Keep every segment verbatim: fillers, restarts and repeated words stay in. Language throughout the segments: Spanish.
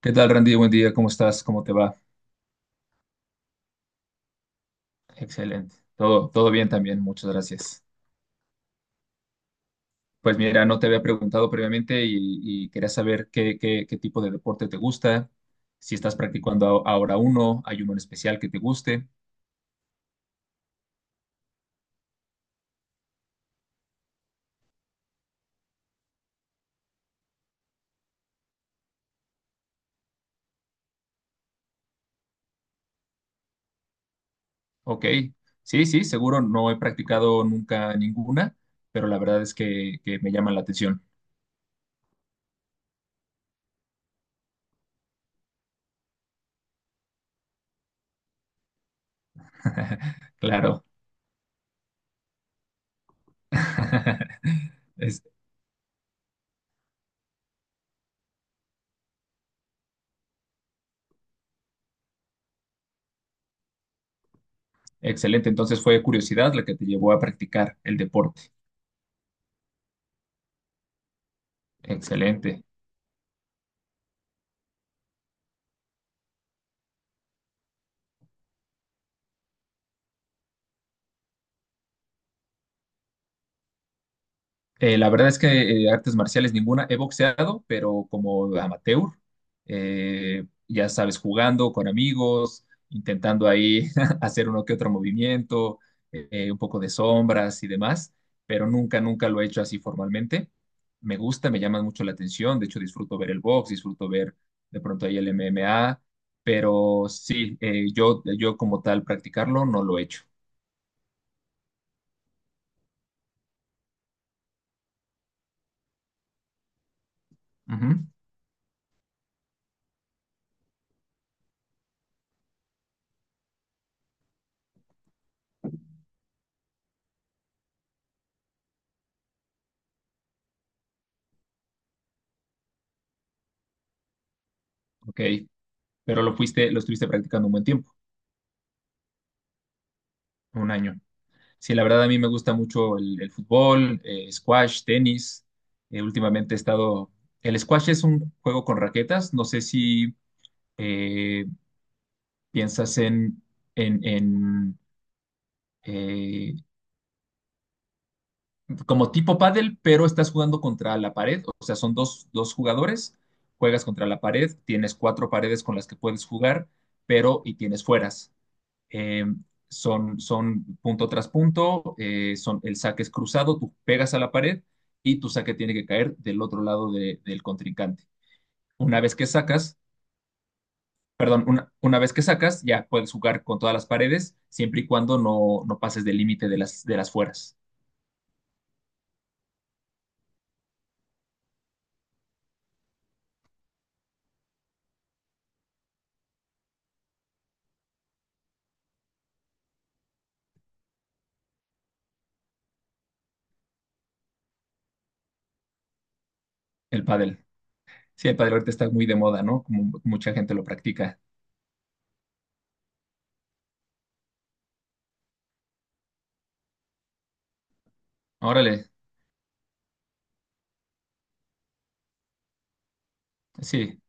¿Qué tal, Randy? Buen día, ¿cómo estás? ¿Cómo te va? Excelente. Todo, todo bien también, muchas gracias. Pues mira, no te había preguntado previamente y, y quería saber qué, qué, qué tipo de deporte te gusta, si estás practicando a- ahora uno, hay uno en especial que te guste. Ok, sí, sí, seguro no he practicado nunca ninguna, pero la verdad es que, que me llaman la atención. Claro. Es excelente, entonces fue curiosidad la que te llevó a practicar el deporte. Excelente. Eh, la verdad es que eh, artes marciales ninguna. He boxeado, pero como amateur. Eh, ya sabes, jugando con amigos, intentando ahí hacer uno que otro movimiento, eh, un poco de sombras y demás, pero nunca, nunca lo he hecho así formalmente. Me gusta, me llama mucho la atención. De hecho, disfruto ver el box, disfruto ver de pronto ahí el M M A, pero sí, eh, yo, yo como tal practicarlo no lo he hecho. Ujú, ok, pero lo fuiste, lo estuviste practicando un buen tiempo, un año. Sí, la verdad a mí me gusta mucho el, el fútbol, eh, squash, tenis. Eh, últimamente he estado... El squash es un juego con raquetas. No sé si eh, piensas en, en, en, eh, como tipo pádel, pero estás jugando contra la pared. O sea, son dos, dos jugadores, juegas contra la pared, tienes cuatro paredes con las que puedes jugar, pero y tienes fueras. eh, son, Son punto tras punto, eh, son, el saque es cruzado, tú pegas a la pared y tu saque tiene que caer del otro lado de- del contrincante. Una vez que sacas, perdón, una, una vez que sacas, ya puedes jugar con todas las paredes, siempre y cuando no, no pases del límite de las, de las fueras. El pádel. Sí, el pádel ahorita está muy de moda, ¿no? Como mucha gente lo practica. Órale, sí.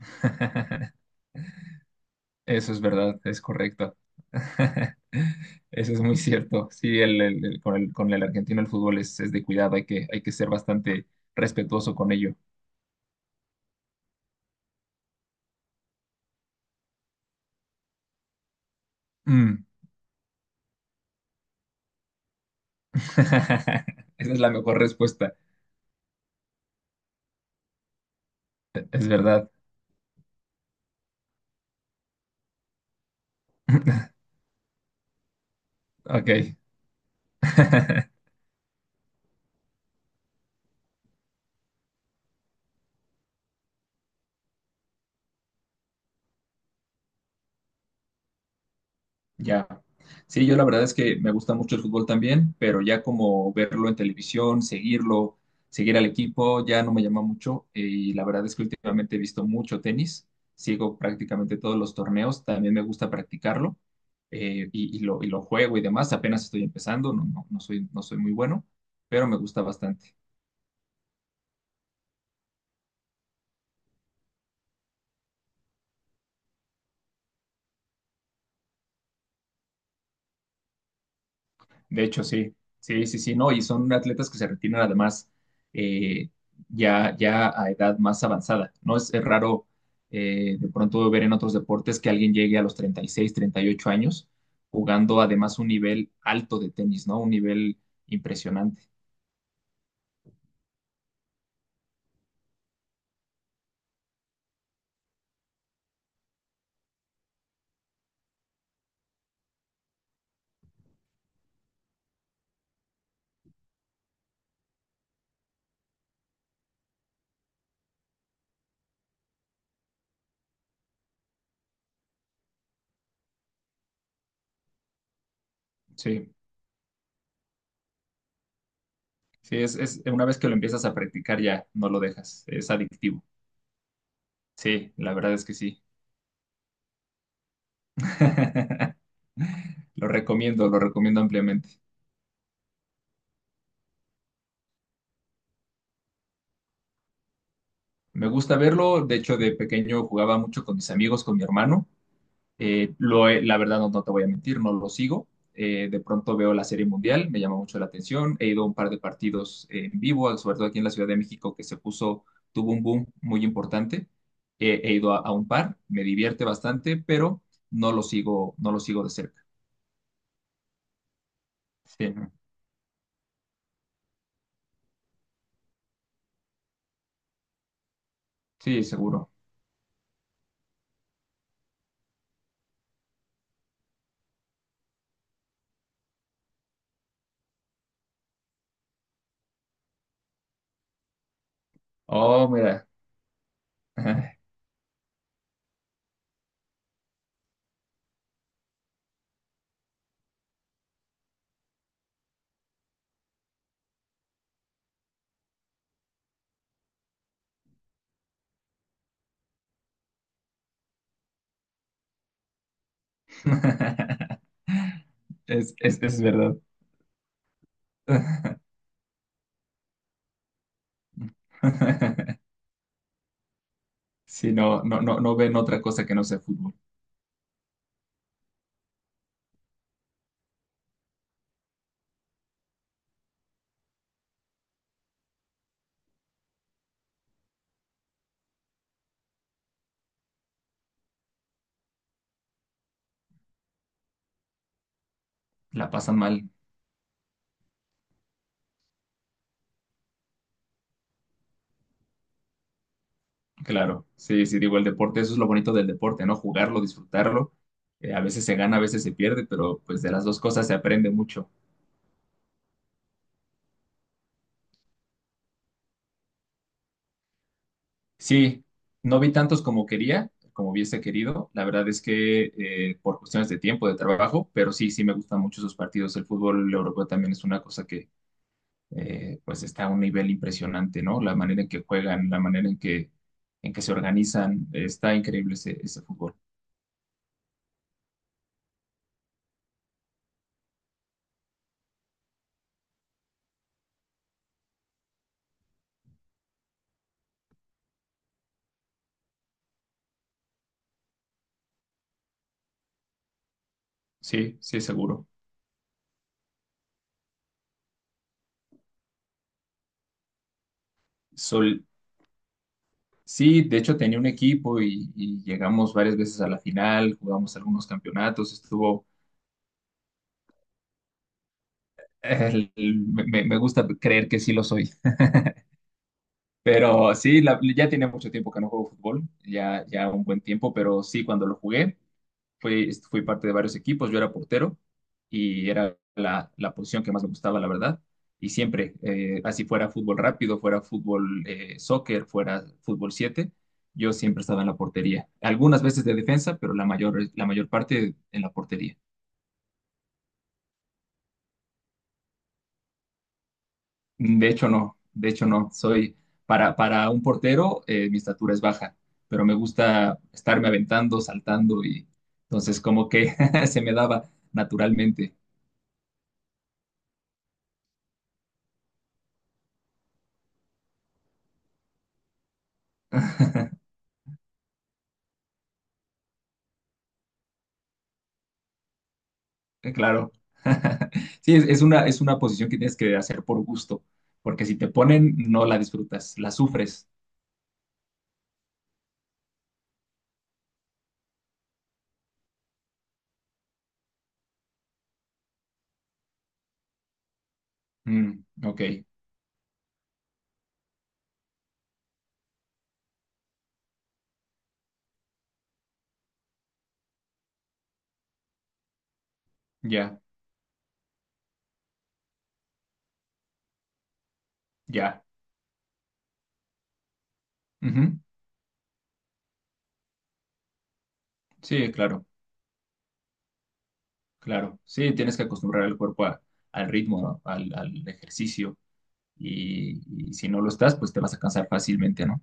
Eso es verdad, es correcto. Eso es muy cierto. Sí, el, el- el- con el, con el argentino el fútbol es, es de cuidado, hay que, hay que ser bastante respetuoso con ello. Mm. Esa es la mejor respuesta, es verdad. Ok. Ya. Sí, yo la verdad es que me gusta mucho el fútbol también, pero ya como verlo en televisión, seguirlo, seguir al equipo, ya no me llama mucho. eh, Y la verdad es que últimamente he visto mucho tenis, sigo prácticamente todos los torneos, también me gusta practicarlo, eh, y, y lo, y lo juego y demás. Apenas estoy empezando, no, no, no soy, no soy muy bueno, pero me gusta bastante. De hecho, sí, sí, sí, sí, no, y son atletas que se retiran además, eh, ya, ya a edad más avanzada, ¿no? Es, es raro, eh, de pronto ver en otros deportes que alguien llegue a los treinta, treinta y seis, treinta y ocho años, jugando además un nivel alto de tenis, ¿no? Un nivel impresionante. Sí, sí, es, es una vez que lo empiezas a practicar ya no lo dejas, es adictivo. Sí, la verdad es que sí. Lo recomiendo, lo recomiendo ampliamente. Me gusta verlo, de hecho de pequeño jugaba mucho con mis amigos, con mi hermano. Eh, lo he- la verdad no, no te voy a mentir, no lo sigo. Eh, de pronto veo la Serie Mundial, me llama mucho la atención. He ido a un par de partidos eh, en vivo, sobre todo aquí en la Ciudad de México, que se puso, tuvo un boom muy importante. Eh, he ido a, a un par, me divierte bastante, pero no lo sigo, no lo sigo de cerca. Sí, sí, seguro. Oh, mira. Es, es, es verdad. Sí, no, no, no, no ven otra cosa que no sea fútbol. La pasan mal, claro. Sí, sí, digo, el deporte, eso es lo bonito del deporte, ¿no? Jugarlo, disfrutarlo. Eh, a veces se gana, a veces se pierde, pero pues de las dos cosas se aprende mucho. Sí, no vi tantos como quería, como hubiese querido. La verdad es que, eh, por cuestiones de tiempo, de trabajo, pero sí, sí me gustan mucho esos partidos. El fútbol europeo también es una cosa que, eh, pues está a un nivel impresionante, ¿no? La manera en que juegan, la manera en que, en que se organizan, está increíble ese, ese fútbol. Sí, sí, seguro. Sol, sí, de hecho tenía un equipo y, y llegamos varias veces a la final, jugamos algunos campeonatos, estuvo... el- el- me, Me gusta creer que sí lo soy. Pero sí, la- ya tenía mucho tiempo que no juego fútbol, ya, ya un buen tiempo, pero sí, cuando lo jugué. Fui, fui parte de varios equipos, yo era portero y era la, la posición que más me gustaba, la verdad. Y siempre, eh, así fuera fútbol rápido, fuera fútbol, eh, soccer, fuera fútbol siete, yo siempre estaba en la portería. Algunas veces de defensa, pero la mayor, la mayor parte en la portería. De hecho, no, de hecho, no. Soy, para, para un portero, eh, mi estatura es baja, pero me gusta estarme aventando, saltando y entonces como que se me daba naturalmente. Eh, Claro. Sí, es, es una, es una posición que tienes que hacer por gusto, porque si te ponen, no la disfrutas, la sufres. Mm, ok, ya, ya. Ujú. Sí, claro, claro. Sí, tienes que acostumbrar al cuerpo a- al ritmo, ¿no? Al, al ejercicio. Y, y si no lo estás, pues te vas a cansar fácilmente, ¿no?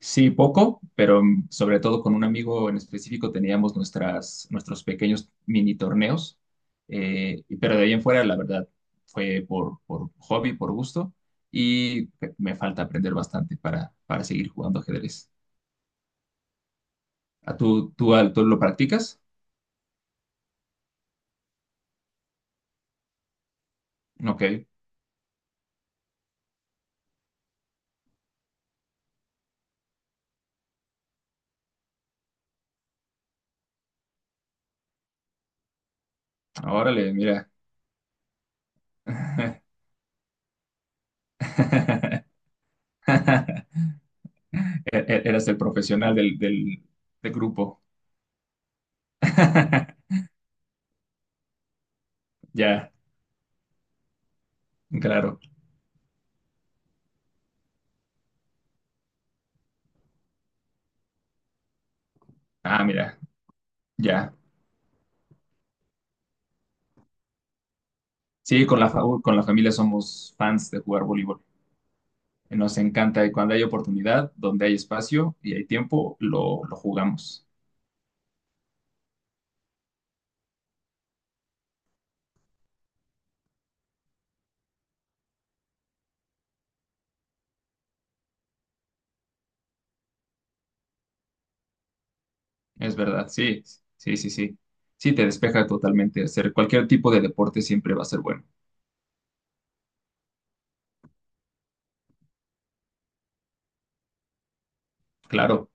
Sí, poco, pero mm, sobre todo con un amigo en específico teníamos nuestras, nuestros pequeños mini torneos, eh, y- pero de ahí en fuera, la verdad, fue por, por hobby, por gusto, y eh, me falta aprender bastante para, para seguir jugando ajedrez. ¿A tú, tú, al- tú lo practicas? Ok, órale, mira. E- e- Eras el profesional del, del del grupo. Ya, claro. Ah, mira, ya. Sí, con la, fa- con la familia somos fans de jugar voleibol. Nos encanta y cuando hay oportunidad, donde hay espacio y hay tiempo, lo, lo jugamos. Es verdad, sí, sí, sí, sí. Sí, te despeja totalmente. Hacer cualquier tipo de deporte siempre va a ser bueno. Claro.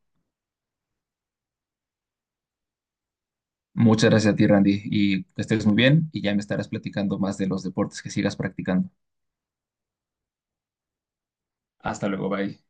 Muchas gracias a ti, Randy, y que estés muy bien y ya me estarás platicando más de los deportes que sigas practicando. Hasta luego, bye.